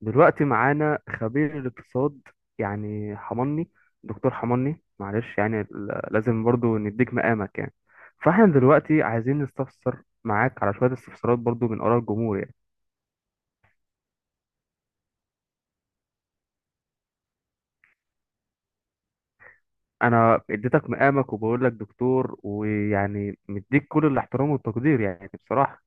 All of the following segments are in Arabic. دلوقتي معانا خبير الاقتصاد يعني حماني. دكتور حماني، معلش يعني لازم برضو نديك مقامك يعني. فاحنا دلوقتي عايزين نستفسر معاك على شوية استفسارات برضو من آراء الجمهور يعني. انا اديتك مقامك وبقول لك دكتور، ويعني مديك كل الاحترام والتقدير يعني بصراحة.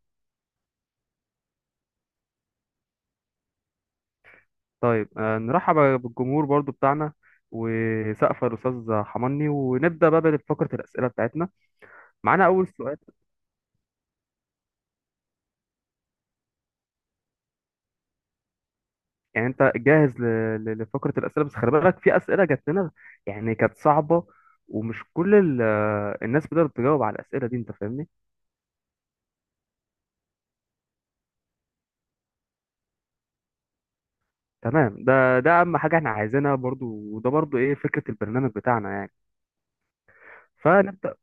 طيب. نرحب بالجمهور برضو بتاعنا، وسقف الأستاذ حماني، ونبدأ بقى بفقرة الأسئلة بتاعتنا. معانا أول سؤال. يعني انت جاهز لفقره الاسئله، بس خلي بالك في اسئله جات لنا يعني، كانت صعبه، ومش كل الناس بتقدر تجاوب على الاسئله دي. انت فاهمني؟ تمام، ده اهم حاجه احنا عايزينها برضو، وده برضو ايه فكره البرنامج بتاعنا يعني. فنبدا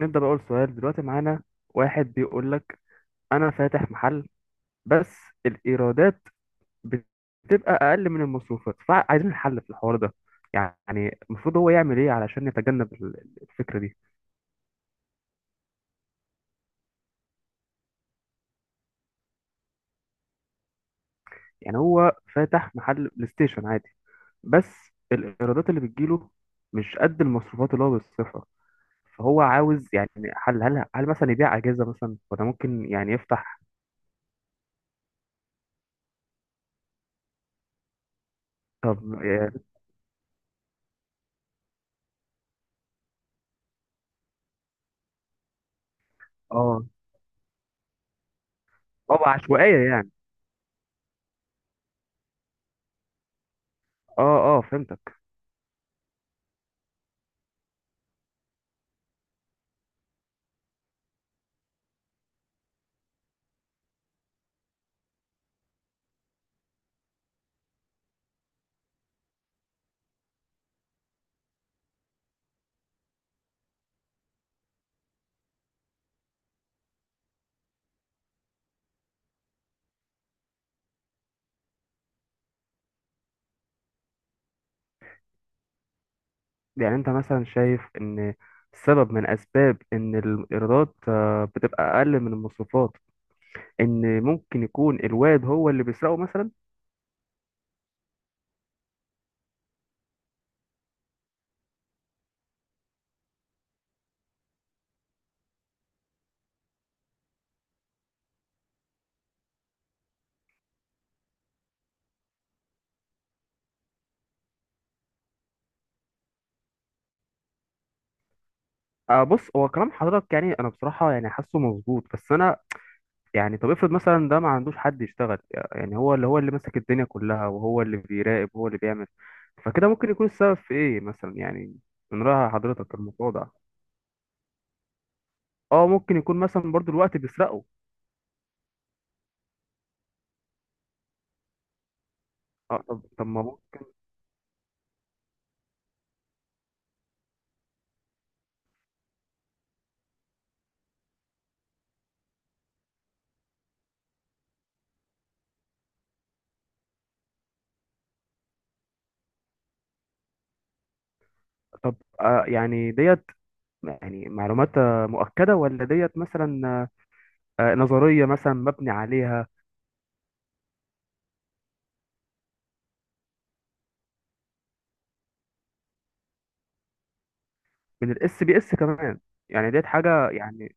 نبدا باول سؤال. دلوقتي معانا واحد بيقول لك: انا فاتح محل، بس الايرادات بتبقى اقل من المصروفات، فعايزين الحل في الحوار ده. يعني المفروض هو يعمل ايه علشان يتجنب الفكره دي؟ يعني هو فاتح محل بلاي ستيشن عادي، بس الإيرادات اللي بتجيله مش قد المصروفات اللي هو بيصرفها، فهو عاوز يعني. هل مثلا يبيع أجهزة مثلا، ولا ممكن يعني يفتح؟ طب، اه، اه. عشوائية يعني. اه، اه، فهمتك. يعني انت مثلا شايف ان السبب من اسباب ان الايرادات بتبقى اقل من المصروفات، ان ممكن يكون الواد هو اللي بيسرقه مثلا؟ آه، بص، هو كلام حضرتك يعني انا بصراحه يعني حاسه مظبوط، بس انا يعني. طب افرض مثلا ده ما عندوش حد يشتغل، يعني هو اللي ماسك الدنيا كلها، وهو اللي بيراقب، وهو اللي بيعمل، فكده ممكن يكون السبب في ايه مثلا يعني؟ من رأي حضرتك الموضوع ده، اه، ممكن يكون مثلا برضو الوقت بيسرقه. اه، طب ما هو- طب، يعني ديت يعني معلومات مؤكدة، ولا ديت مثلا نظرية مثلا مبني عليها؟ من الاس بي اس كمان؟ يعني ديت حاجة، يعني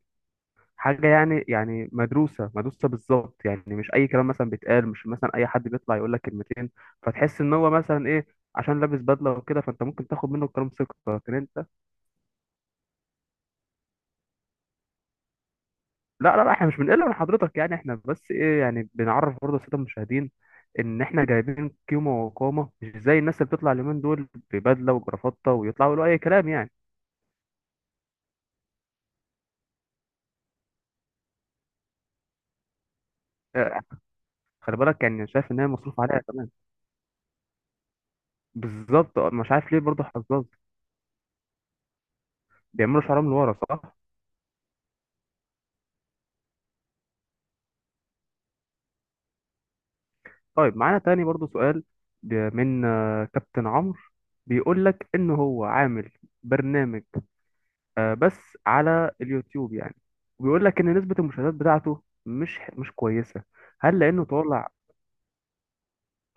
حاجة، يعني مدروسة مدروسة بالظبط يعني، مش أي كلام مثلا بيتقال، مش مثلا أي حد بيطلع يقول لك كلمتين فتحس إن هو مثلا إيه، عشان لابس بدلة وكده، فأنت ممكن تاخد منه الكلام ثقة، لكن أنت... لا، لا، لا، إحنا مش بنقل من حضرتك يعني، إحنا بس إيه يعني، بنعرف برضه السادة المشاهدين إن إحنا جايبين قيمة وقامة، مش زي الناس اللي بتطلع اليومين دول ببدلة وجرافطة ويطلعوا يقولوا أي كلام يعني. آه، خلي بالك يعني، شايف إن هي مصروف عليها كمان. بالظبط. مش عارف ليه برضه حظاظ بيعملوا شعرهم لورا، صح؟ طيب، معانا تاني برضو سؤال من كابتن عمرو، بيقول لك ان هو عامل برنامج بس على اليوتيوب يعني، وبيقول لك ان نسبة المشاهدات بتاعته مش كويسة. هل لانه طالع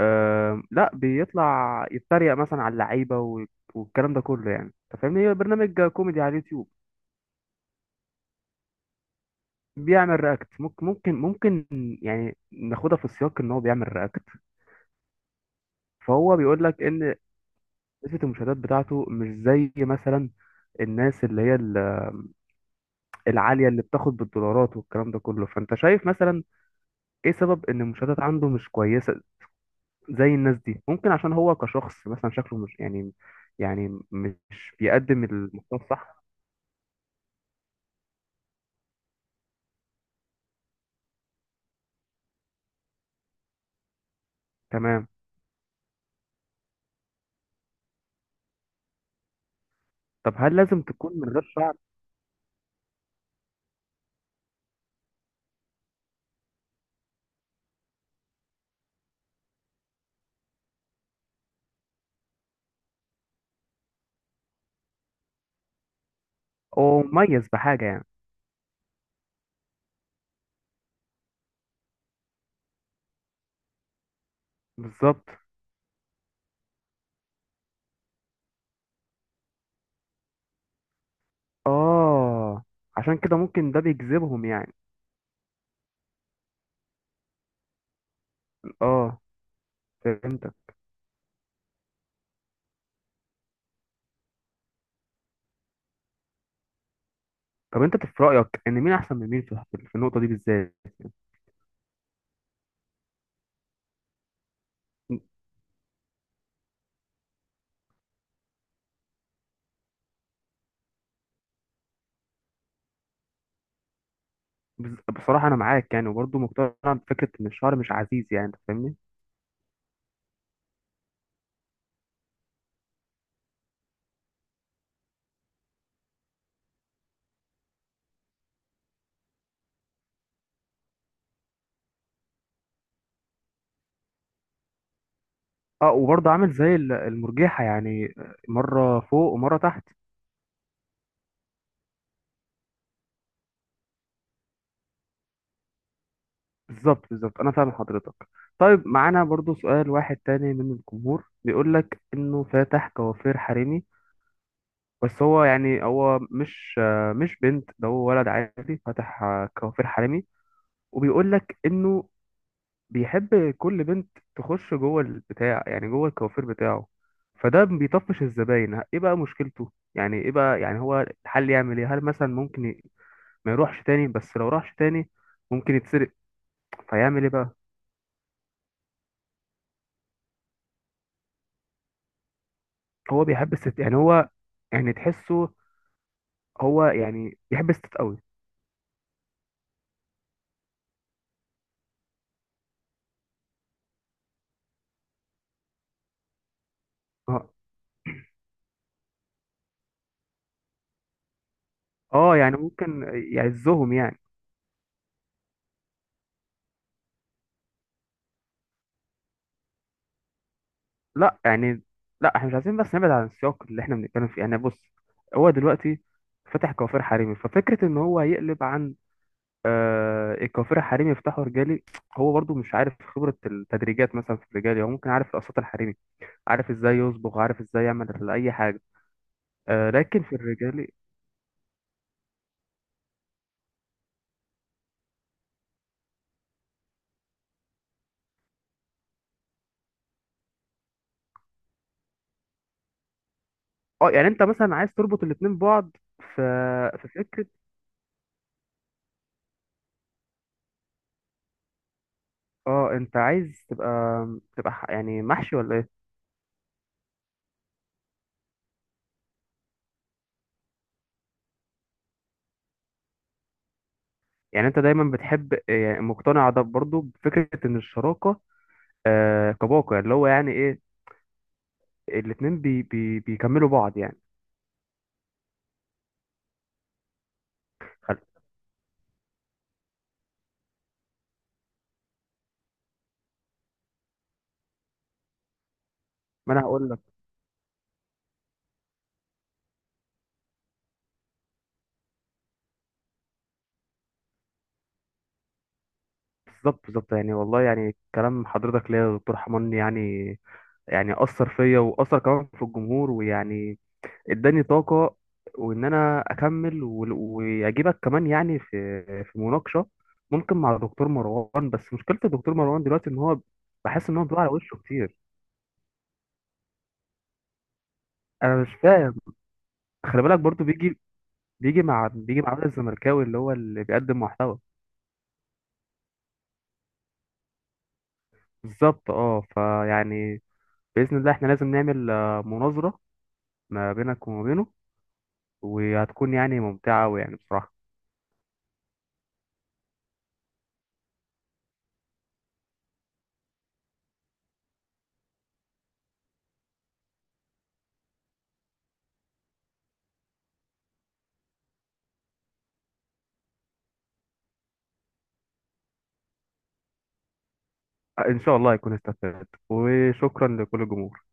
لا، بيطلع يتريق مثلا على اللعيبة والكلام ده كله يعني، انت فاهمني، هي برنامج كوميدي على اليوتيوب. بيعمل رياكت، ممكن يعني ناخدها في السياق ان هو بيعمل رياكت. فهو بيقول لك ان نسبة المشاهدات بتاعته مش زي مثلا الناس اللي هي العالية، اللي بتاخد بالدولارات والكلام ده كله، فأنت شايف مثلا إيه سبب إن المشاهدات عنده مش كويسة زي الناس دي؟ ممكن عشان هو كشخص مثلا شكله مش يعني، يعني مش بيقدم المحتوى الصح. تمام. طب هل لازم تكون من غير شعر، أو مميز بحاجة يعني؟ بالظبط. آه عشان كده ممكن ده بيجذبهم يعني. آه، فهمتك. طب أنت في رأيك إن مين أحسن من مين في النقطة دي بالذات؟ بصراحة أنا معاك يعني، وبرضه مقتنع بفكرة إن الشعر مش عزيز يعني، أنت فاهمني؟ أه، وبرضه عامل زي المرجيحة يعني، مرة فوق ومرة تحت. بالظبط، بالظبط، أنا فاهم حضرتك. طيب، معانا برضه سؤال واحد تاني من الجمهور بيقول لك إنه فاتح كوافير حريمي، بس هو يعني هو مش بنت، ده هو ولد عادي فاتح كوافير حريمي، وبيقول لك إنه بيحب كل بنت تخش جوه البتاع يعني جوه الكوافير بتاعه، فده بيطفش الزباين. ايه بقى مشكلته يعني؟ ايه بقى يعني هو الحل، يعمل ايه؟ هل مثلا ممكن ما يروحش تاني؟ بس لو راحش تاني ممكن يتسرق، فيعمل ايه بقى؟ هو بيحب الست يعني هو، يعني تحسه هو يعني بيحب الست قوي. اه. يعني ممكن يعزهم يعني. لا يعني، لا، احنا مش عايزين بس نبعد عن السياق اللي احنا بنتكلم فيه يعني. بص، هو دلوقتي فتح كوافير حريمي، ففكرة إن هو يقلب عن الكوافير حريمي يفتحوا رجالي، هو برضو مش عارف خبرة التدريجات مثلا في الرجالي، هو ممكن عارف القصات الحريمي، عارف ازاي يصبغ، عارف ازاي يعمل أي حاجة. لكن في الرجالي. اه، يعني انت مثلا عايز تربط الاتنين ببعض، في فكرة. اه، انت عايز يعني محشي ولا ايه؟ يعني انت دايما بتحب يعني مقتنع ده برضو بفكرة ان الشراكة، كباقة اللي هو يعني ايه، الاتنين بي بي بيكملوا بعض يعني. خل- ما انا هقول. بالظبط، بالظبط يعني، والله يعني كلام حضرتك ليا يا دكتور حمان يعني، أثر فيا وأثر كمان في الجمهور، ويعني اداني طاقة، وإن أنا أكمل وأجيبك كمان يعني في مناقشة ممكن مع دكتور مروان، بس مشكلة الدكتور مروان دلوقتي إن هو بحس إن هو بيقع على وشه كتير. أنا مش فاهم. خلي بالك برضو بيجي، بيجي مع الراجل الزملكاوي اللي هو اللي بيقدم محتوى. بالظبط. أه، فيعني بإذن الله إحنا لازم نعمل مناظرة ما بينك وما بينه، وهتكون يعني ممتعة ويعني بصراحة. إن شاء الله هيكون استفاد، وشكرا لكل الجمهور.